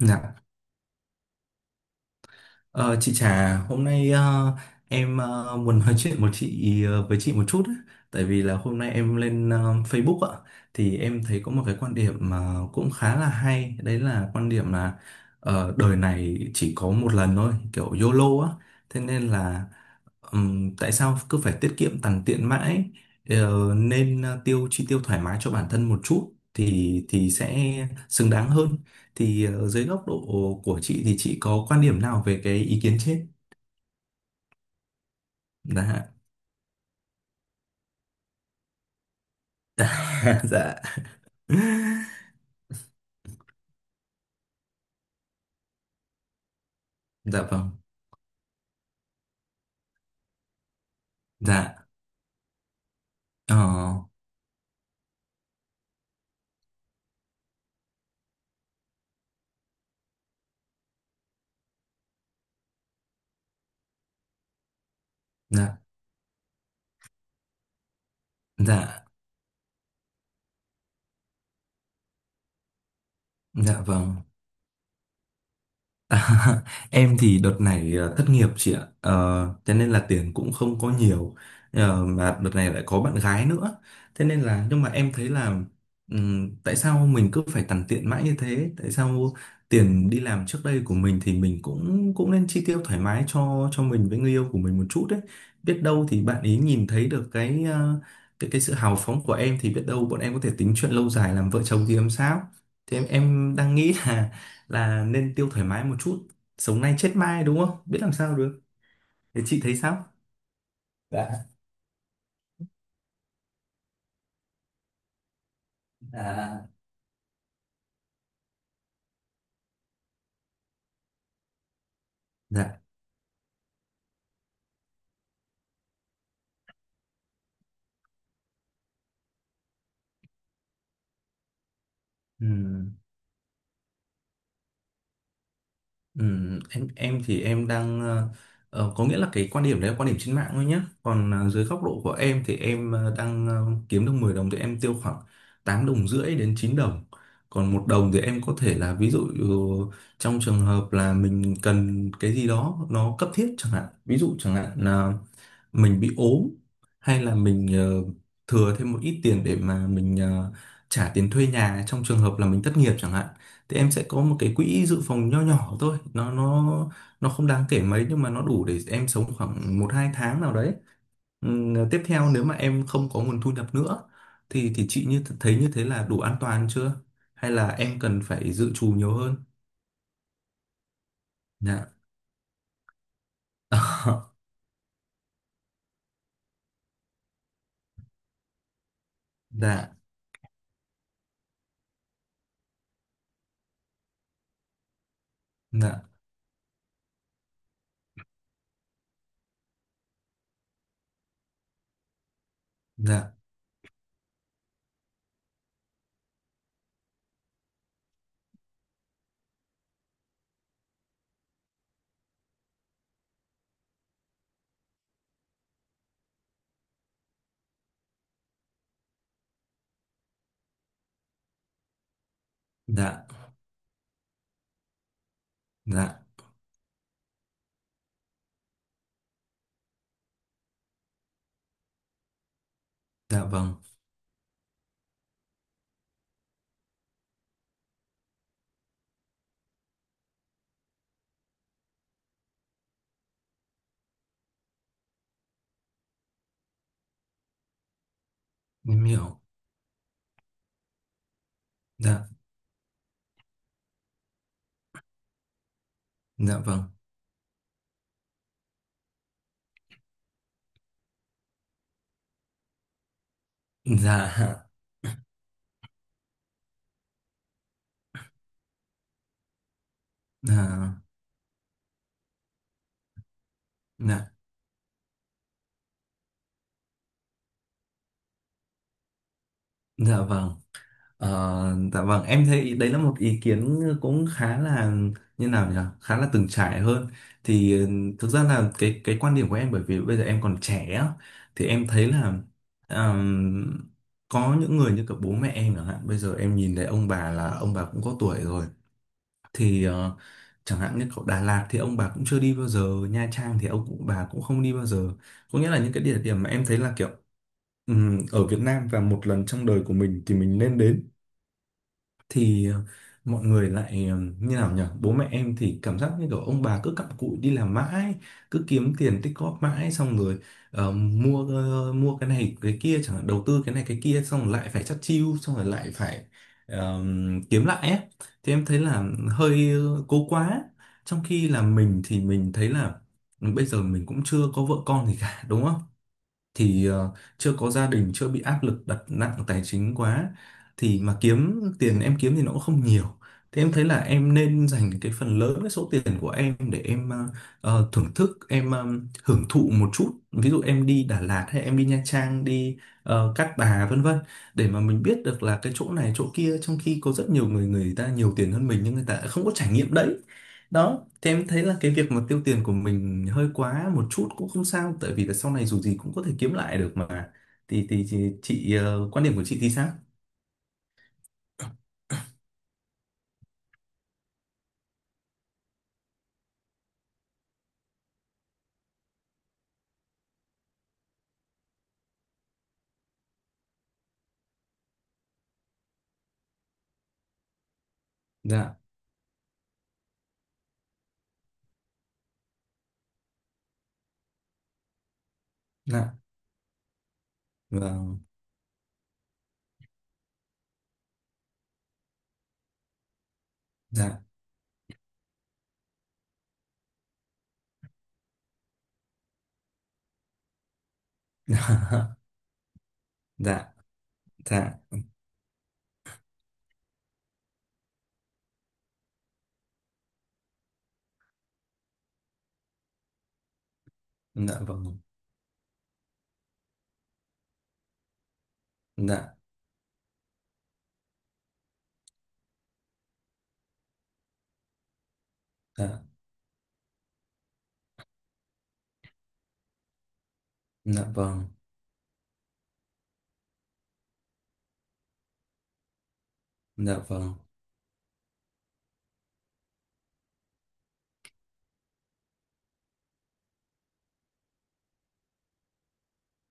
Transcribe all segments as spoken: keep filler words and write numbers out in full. Dạ. Ờ, chị Trà, hôm nay ờ, em ờ, muốn nói chuyện một chị ờ, với chị một chút ấy. Tại vì là hôm nay em lên ờ, Facebook ạ, thì em thấy có một cái quan điểm mà cũng khá là hay, đấy là quan điểm là ờ, đời này chỉ có một lần thôi, kiểu yo lô á. Thế nên là, Ừm, tại sao cứ phải tiết kiệm tằn tiện mãi? Ờ, nên ờ, tiêu chi tiêu thoải mái cho bản thân một chút thì thì sẽ xứng đáng hơn, thì ờ, dưới góc độ của chị thì chị có quan điểm nào về cái ý kiến trên? Dạ. Dạ. Dạ vâng. Dạ. Ờ. Dạ. Dạ. Dạ vâng. À, em thì đợt này ờ, thất nghiệp chị ạ. Ờ, cho nên là tiền cũng không có nhiều. Ờ, mà đợt này lại có bạn gái nữa, thế nên là nhưng mà em thấy là ừm, tại sao mình cứ phải tằn tiện mãi như thế? Tại sao tiền đi làm trước đây của mình thì mình cũng cũng nên chi tiêu thoải mái cho cho mình với người yêu của mình một chút đấy? Biết đâu thì bạn ấy nhìn thấy được cái ờ, cái cái sự hào phóng của em thì biết đâu bọn em có thể tính chuyện lâu dài làm vợ chồng thì làm sao. Thì em em đang nghĩ là là nên tiêu thoải mái một chút. Sống nay chết mai, đúng không biết làm sao được. Thế chị thấy sao? Dạ. À, dạ. Ừm, ừm, em em thì em đang ờ, ờ, có nghĩa là cái quan điểm đấy là quan điểm trên mạng thôi nhé. Còn ờ, dưới góc độ của em thì em ờ, đang ờ, kiếm được mười đồng thì em tiêu khoảng tám đồng rưỡi đến chín đồng. Còn một đồng thì em có thể là ví dụ, ừ, trong trường hợp là mình cần cái gì đó nó cấp thiết chẳng hạn. Ví dụ chẳng hạn mình bị ốm, hay là mình ờ, thừa thêm một ít tiền để mà mình ờ, trả tiền thuê nhà trong trường hợp là mình thất nghiệp chẳng hạn, thì em sẽ có một cái quỹ dự phòng nho nhỏ thôi, nó nó nó không đáng kể mấy nhưng mà nó đủ để em sống khoảng một hai tháng nào đấy. Ừm, tiếp theo nếu mà em không có nguồn thu nhập nữa, thì thì chị như thấy như thế là đủ an toàn chưa, hay là em cần phải dự trù nhiều hơn? Dạ. Dạ. Dạ. Dạ. Dạ. Dạ. Dạ vâng. Em hiểu. Dạ, dạ vâng, dạ, dạ, dạ, dạ vâng, ờ, dạ vâng. Em thấy đấy là một ý kiến cũng khá là, như nào nhỉ, khá là từng trải hơn. Thì ừ, thực ra là cái cái quan điểm của em, bởi vì bây giờ em còn trẻ á, thì em thấy là, ờm, có những người như cả bố mẹ em chẳng hạn, bây giờ em nhìn thấy ông bà là ông bà cũng có tuổi rồi. Thì ờ, chẳng hạn như ở Đà Lạt thì ông bà cũng chưa đi bao giờ, Nha Trang thì ông bà cũng không đi bao giờ. Có nghĩa là những cái địa điểm mà em thấy là kiểu, Ừm, ở Việt Nam và một lần trong đời của mình thì mình nên đến, thì ờ, mọi người lại ờ, như nào nhỉ, bố mẹ em thì cảm giác như kiểu ông bà cứ cặm cụi đi làm mãi, cứ kiếm tiền tích góp mãi, xong rồi ờ, mua ờ, mua cái này cái kia chẳng hạn, đầu tư cái này cái kia, xong rồi lại phải chắt chiu, xong rồi lại phải ờ, kiếm lại ấy. Thì em thấy là hơi ờ, cố quá, trong khi là mình thì mình thấy là bây giờ mình cũng chưa có vợ con gì cả đúng không, thì ờ, chưa có gia đình, chưa bị áp lực đặt nặng tài chính quá, thì mà kiếm tiền em kiếm thì nó cũng không nhiều. Thế em thấy là em nên dành cái phần lớn cái số tiền của em để em ờ, ờ, thưởng thức em ờ, hưởng thụ một chút, ví dụ em đi Đà Lạt hay em đi Nha Trang, đi ờ, Cát Bà vân vân, để mà mình biết được là cái chỗ này chỗ kia, trong khi có rất nhiều người, người ta nhiều tiền hơn mình nhưng người ta không có trải nghiệm đấy. Đó, thì em thấy là cái việc mà tiêu tiền của mình hơi quá một chút cũng không sao, tại vì là sau này dù gì cũng có thể kiếm lại được mà. Thì thì, thì chị, ờ, quan điểm của chị thì sao? Dạ. Dạ vâng. Dạ. Dạ. Dạ. Dạ vâng. Dạ. Dạ. Dạ vâng. Dạ vâng.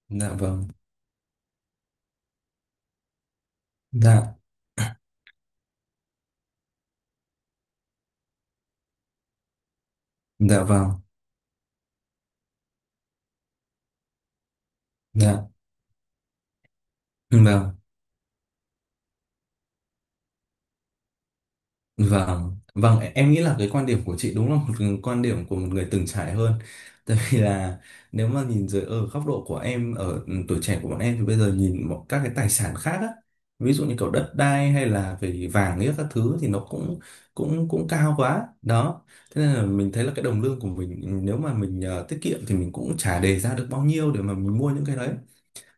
Dạ vâng. Dạ. Dạ vâng. Dạ vâng. Vâng, vâng, e, em nghĩ là cái quan điểm của chị đúng là một quan điểm của một người từng trải hơn. Tại vì là nếu mà nhìn dưới ở góc độ của em, ở ừ, tuổi trẻ của bọn em thì bây giờ nhìn một các cái tài sản khác á, ví dụ như kiểu đất đai hay là về vàng ấy các thứ thì nó cũng cũng cũng cao quá. Đó. Thế nên là mình thấy là cái đồng lương của mình, ừ, nếu mà mình ờ, tiết kiệm thì mình cũng chả đề ra được bao nhiêu để mà mình mua những cái đấy,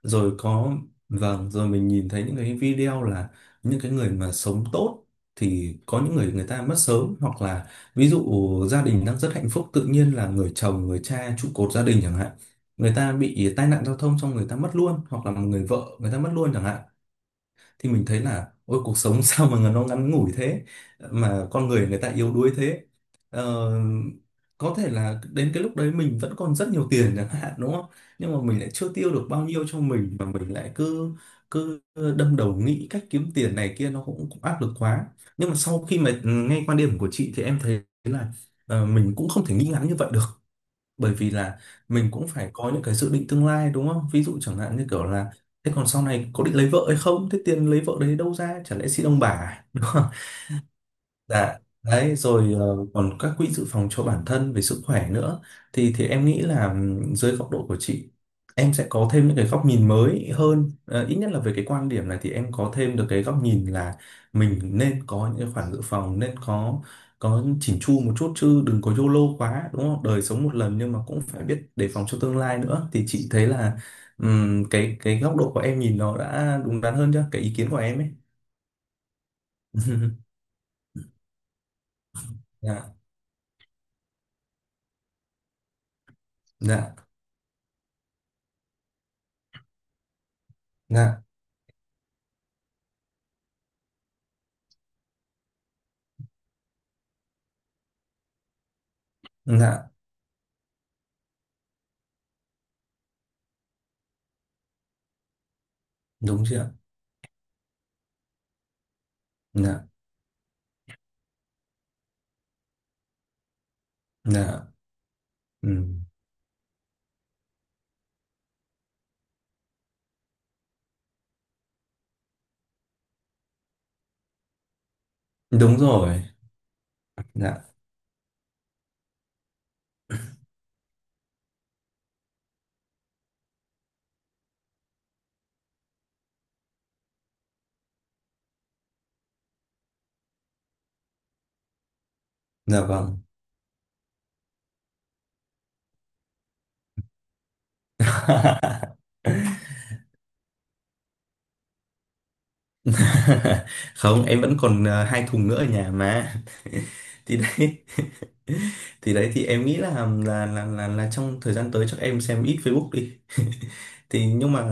rồi có, vâng, rồi mình nhìn thấy những cái video là những cái người mà sống tốt, thì có những người, người ta mất sớm, hoặc là ví dụ gia đình đang rất hạnh phúc, tự nhiên là người chồng, người cha trụ cột gia đình chẳng hạn, người ta bị tai nạn giao thông xong người ta mất luôn, hoặc là một người vợ người ta mất luôn chẳng hạn. Thì mình thấy là ôi cuộc sống sao mà nó ngắn ngủi thế, mà con người, người ta yếu đuối thế. Ờ, có thể là đến cái lúc đấy mình vẫn còn rất nhiều tiền chẳng hạn đúng không, nhưng mà mình lại chưa tiêu được bao nhiêu cho mình, mà mình lại cứ cứ đâm đầu nghĩ cách kiếm tiền này kia, nó cũng, cũng áp lực quá. Nhưng mà sau khi mà nghe quan điểm của chị thì em thấy là ờ, mình cũng không thể nghĩ ngắn như vậy được, bởi vì là mình cũng phải có những cái dự định tương lai đúng không, ví dụ chẳng hạn như kiểu là, thế còn sau này có định lấy vợ hay không, thế tiền lấy vợ đấy đâu ra, chả lẽ xin ông bà à? Dạ, đấy rồi, ờ, còn các quỹ dự phòng cho bản thân về sức khỏe nữa, thì thì em nghĩ là ừm, dưới góc độ của chị, em sẽ có thêm những cái góc nhìn mới hơn. Ờ, Ít nhất là về cái quan điểm này thì em có thêm được cái góc nhìn là mình nên có những cái khoản dự phòng, nên có có chỉn chu một chút, chứ đừng có yo lô quá đúng không? Đời sống một lần nhưng mà cũng phải biết đề phòng cho tương lai nữa, thì chị thấy là, ừm, cái cái góc độ của em nhìn nó đã đúng đắn hơn chưa? Cái ý kiến của em ấy. Dạ, dạ, dạ. Dạ. Đúng chưa ạ? Dạ. Dạ. Ừ. Đúng rồi. Dạ. Dạ vâng. Không, em vẫn còn ờ, hai thùng nữa ở nhà mà. Thì đấy. Thì đấy, thì em nghĩ là là là là, là trong thời gian tới chắc em xem ít Facebook đi. Thì nhưng mà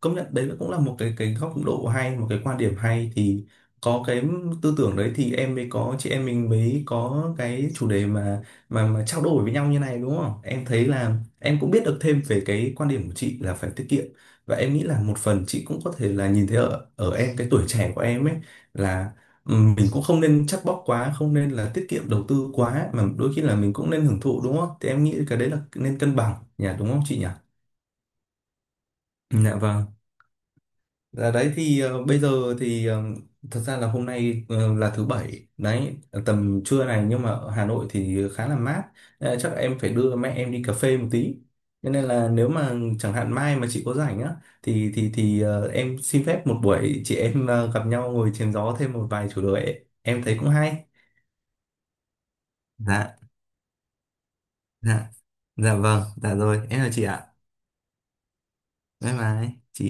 công nhận đấy cũng là một cái cái góc độ hay, một cái quan điểm hay, thì có cái tư tưởng đấy thì em mới có, chị em mình mới có cái chủ đề mà mà mà trao đổi với nhau như này đúng không, em thấy là em cũng biết được thêm về cái quan điểm của chị là phải tiết kiệm, và em nghĩ là một phần chị cũng có thể là nhìn thấy ở ở em cái tuổi trẻ của em ấy, là Ừ, mình cũng không nên chắt bóp quá, không nên là tiết kiệm đầu tư quá, mà đôi khi là mình cũng nên hưởng thụ đúng không, thì em nghĩ cái đấy là nên cân bằng nhỉ, đúng không chị nhỉ? Ừ, dạ vâng. Là đấy thì, ờ, bây giờ thì, ờ, thật ra là hôm nay, ờ, là thứ bảy đấy, tầm trưa này nhưng mà ở Hà Nội thì khá là mát. Ờ, chắc em phải đưa mẹ em đi cà phê một tí, cho nên là nếu mà chẳng hạn mai mà chị có rảnh á thì thì thì ờ, em xin phép một buổi, chị em ờ, gặp nhau ngồi chém gió thêm một vài chủ đề em thấy cũng hay. Dạ. Dạ. Dạ vâng. Dạ rồi em là chị ạ. Bye bye chị.